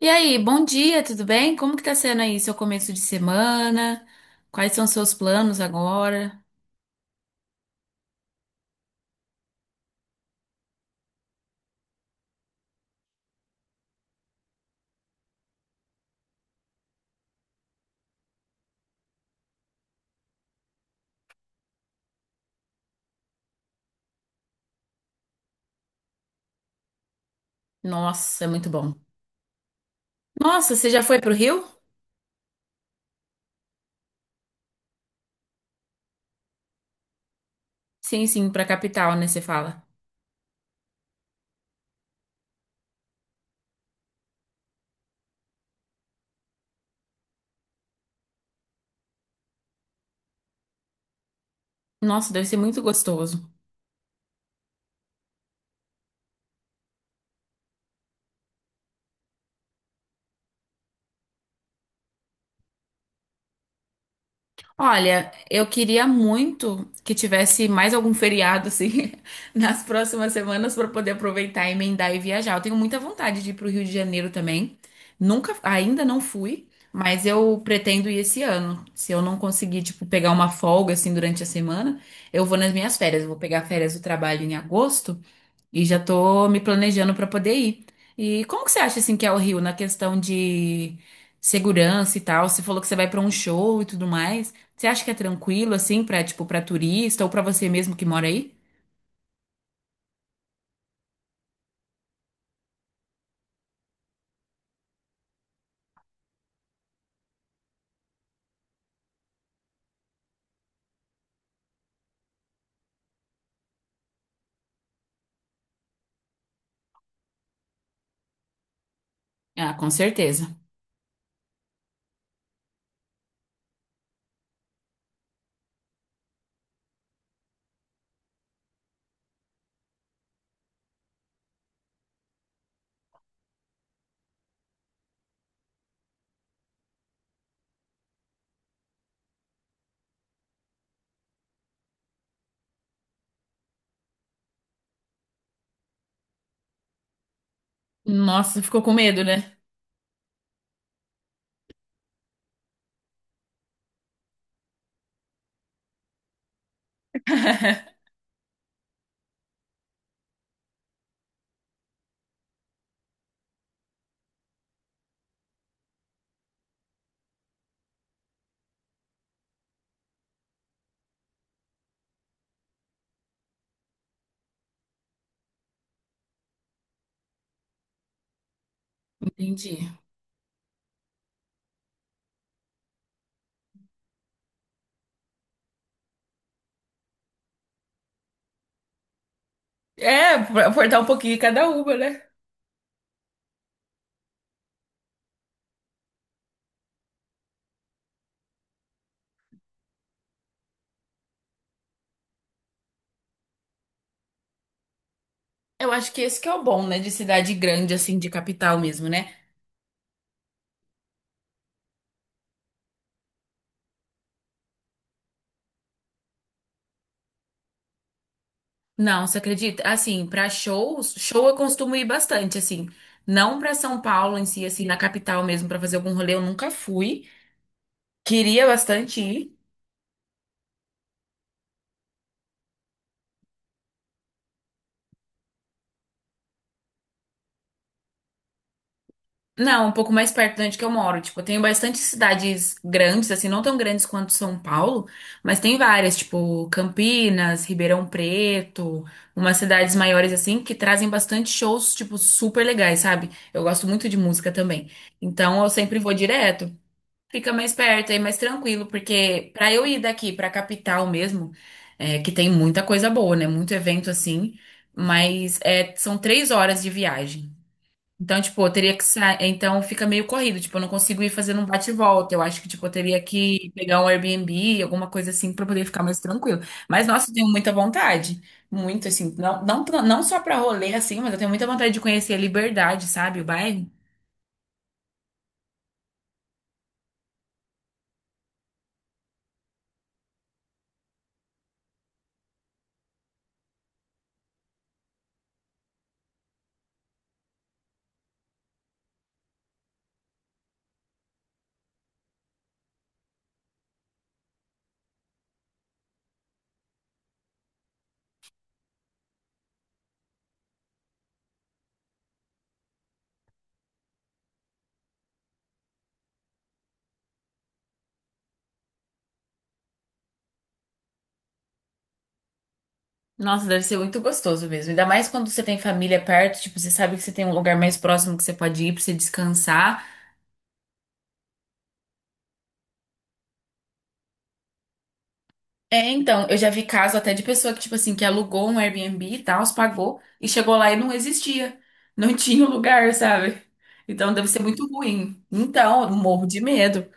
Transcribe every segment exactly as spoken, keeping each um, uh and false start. E aí, bom dia, tudo bem? Como que tá sendo aí seu começo de semana? Quais são seus planos agora? Nossa, é muito bom. Nossa, você já foi pro Rio? Sim, sim, pra capital, né, você fala. Nossa, deve ser muito gostoso. Olha, eu queria muito que tivesse mais algum feriado assim nas próximas semanas para poder aproveitar, emendar e viajar. Eu tenho muita vontade de ir para o Rio de Janeiro também. Nunca, ainda não fui, mas eu pretendo ir esse ano. Se eu não conseguir, tipo, pegar uma folga assim durante a semana, eu vou nas minhas férias. Eu vou pegar férias do trabalho em agosto. E já tô me planejando para poder ir. E como que você acha assim que é o Rio na questão de segurança e tal? Você falou que você vai para um show e tudo mais. Você acha que é tranquilo assim para tipo para turista ou para você mesmo que mora aí? Ah, com certeza. Nossa, ficou com medo, né? Entendi. É, pra aportar um pouquinho cada uma, né? Eu acho que esse que é o bom, né, de cidade grande assim, de capital mesmo, né? Não, você acredita? Assim, para shows, show eu costumo ir bastante, assim. Não para São Paulo em si, assim, na capital mesmo, para fazer algum rolê, eu nunca fui. Queria bastante ir. Não, um pouco mais perto de onde que eu moro. Tipo, eu tenho bastante cidades grandes, assim, não tão grandes quanto São Paulo, mas tem várias, tipo Campinas, Ribeirão Preto, umas cidades maiores, assim, que trazem bastante shows, tipo, super legais, sabe? Eu gosto muito de música também. Então, eu sempre vou direto. Fica mais perto e mais tranquilo, porque pra eu ir daqui pra capital mesmo, é, que tem muita coisa boa, né? Muito evento assim, mas é, são três horas de viagem. Então, tipo, eu teria que sair. Então fica meio corrido, tipo, eu não consigo ir fazendo um bate e volta. Eu acho que, tipo, eu teria que pegar um Airbnb, alguma coisa assim, pra poder ficar mais tranquilo. Mas, nossa, eu tenho muita vontade. Muito, assim, não, não, não só pra rolê, assim, mas eu tenho muita vontade de conhecer a Liberdade, sabe? O bairro. Nossa, deve ser muito gostoso mesmo. Ainda mais quando você tem família perto, tipo, você sabe que você tem um lugar mais próximo que você pode ir pra você descansar. É, então, eu já vi caso até de pessoa que, tipo assim, que alugou um Airbnb e tal, os pagou e chegou lá e não existia. Não tinha o lugar, sabe? Então deve ser muito ruim. Então, eu morro de medo.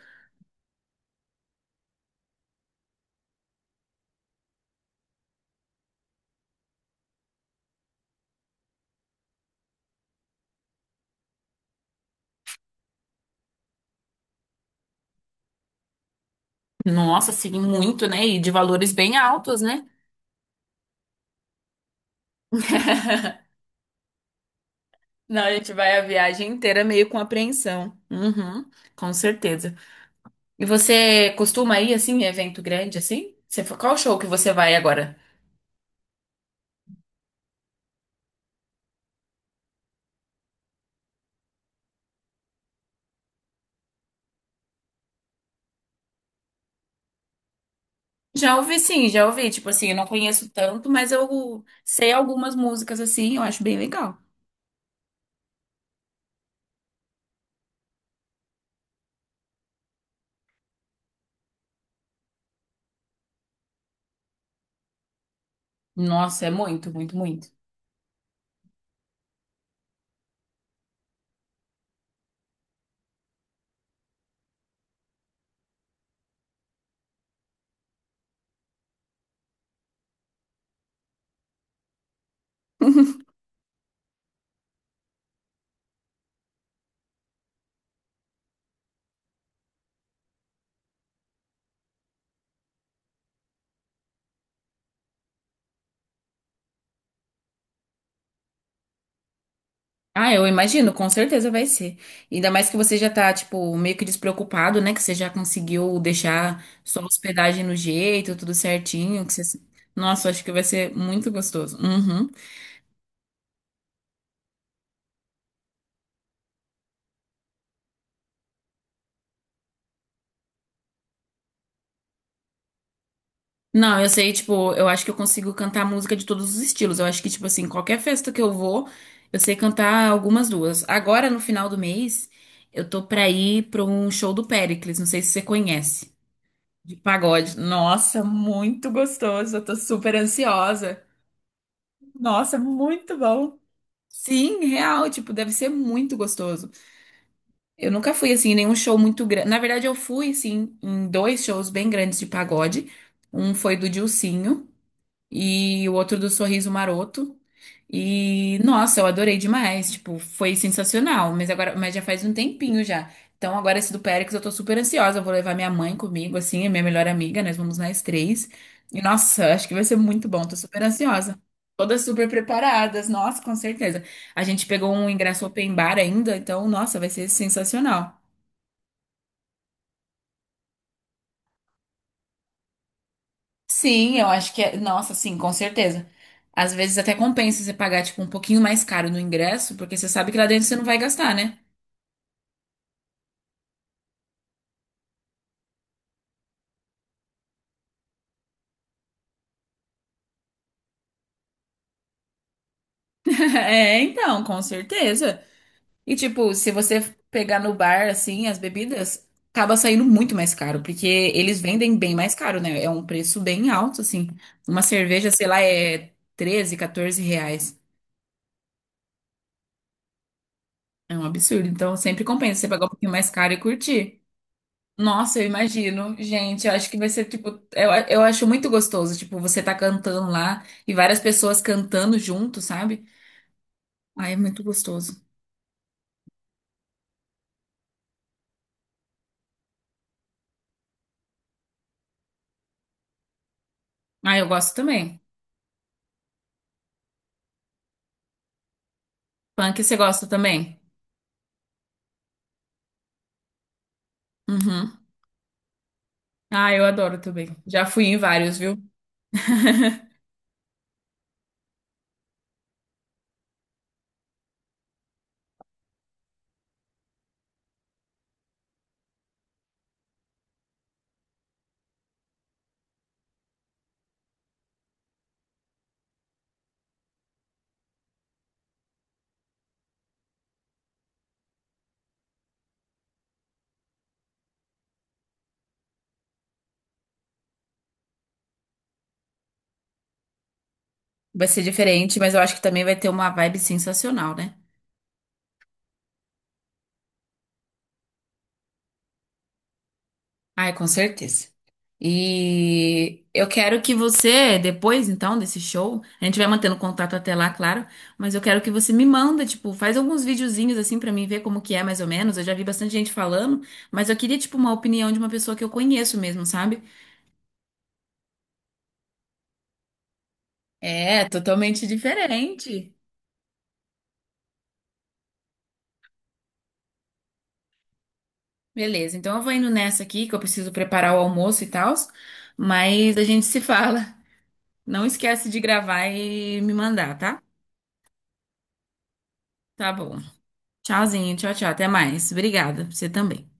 Nossa, assim, muito, né? E de valores bem altos, né? Não, a gente vai a viagem inteira meio com apreensão. Uhum, com certeza. E você costuma ir assim, em evento grande assim? Você, qual show que você vai agora? Já ouvi sim, já ouvi. Tipo assim, eu não conheço tanto, mas eu sei algumas músicas assim, eu acho bem legal. Nossa, é muito, muito, muito. Ah, eu imagino, com certeza vai ser. Ainda mais que você já tá, tipo, meio que despreocupado, né? Que você já conseguiu deixar sua hospedagem no jeito, tudo certinho. Que você... Nossa, acho que vai ser muito gostoso. Uhum. Não, eu sei, tipo, eu acho que eu consigo cantar música de todos os estilos. Eu acho que, tipo assim, qualquer festa que eu vou, eu sei cantar algumas duas. Agora, no final do mês, eu tô pra ir pra um show do Péricles, não sei se você conhece, de pagode. Nossa, muito gostoso, eu tô super ansiosa. Nossa, muito bom. Sim, real, tipo, deve ser muito gostoso. Eu nunca fui, assim, em nenhum show muito grande. Na verdade, eu fui, assim, em dois shows bem grandes de pagode. Um foi do Dilsinho e o outro do Sorriso Maroto. E, nossa, eu adorei demais, tipo, foi sensacional, mas agora, mas já faz um tempinho já. Então, agora esse do Péricles, eu tô super ansiosa, eu vou levar minha mãe comigo, assim, a minha melhor amiga, nós vamos nós três. E, nossa, acho que vai ser muito bom, tô super ansiosa. Todas super preparadas, nossa, com certeza. A gente pegou um ingresso open bar ainda, então, nossa, vai ser sensacional. Sim, eu acho que é. Nossa, sim, com certeza. Às vezes até compensa você pagar, tipo, um pouquinho mais caro no ingresso, porque você sabe que lá dentro você não vai gastar, né? É, então, com certeza. E, tipo, se você pegar no bar, assim, as bebidas, acaba saindo muito mais caro, porque eles vendem bem mais caro, né? É um preço bem alto, assim. Uma cerveja, sei lá, é treze quatorze reais. É um absurdo. Então, sempre compensa você pagar um pouquinho mais caro e curtir. Nossa, eu imagino. Gente, eu acho que vai ser tipo. Eu, eu acho muito gostoso. Tipo, você tá cantando lá e várias pessoas cantando junto, sabe? Ai, é muito gostoso. Ah, eu gosto também. Punk, você gosta também? Uhum. Ah, eu adoro também. Já fui em vários, viu? Vai ser diferente, mas eu acho que também vai ter uma vibe sensacional, né? Ai, com certeza. E eu quero que você, depois então desse show, a gente vai mantendo contato até lá, claro, mas eu quero que você me manda, tipo, faz alguns videozinhos assim pra mim ver como que é mais ou menos. Eu já vi bastante gente falando, mas eu queria tipo uma opinião de uma pessoa que eu conheço mesmo, sabe? É, totalmente diferente. Beleza, então eu vou indo nessa aqui, que eu preciso preparar o almoço e tal, mas a gente se fala. Não esquece de gravar e me mandar, tá? Tá bom. Tchauzinho, tchau, tchau. Até mais. Obrigada. Você também.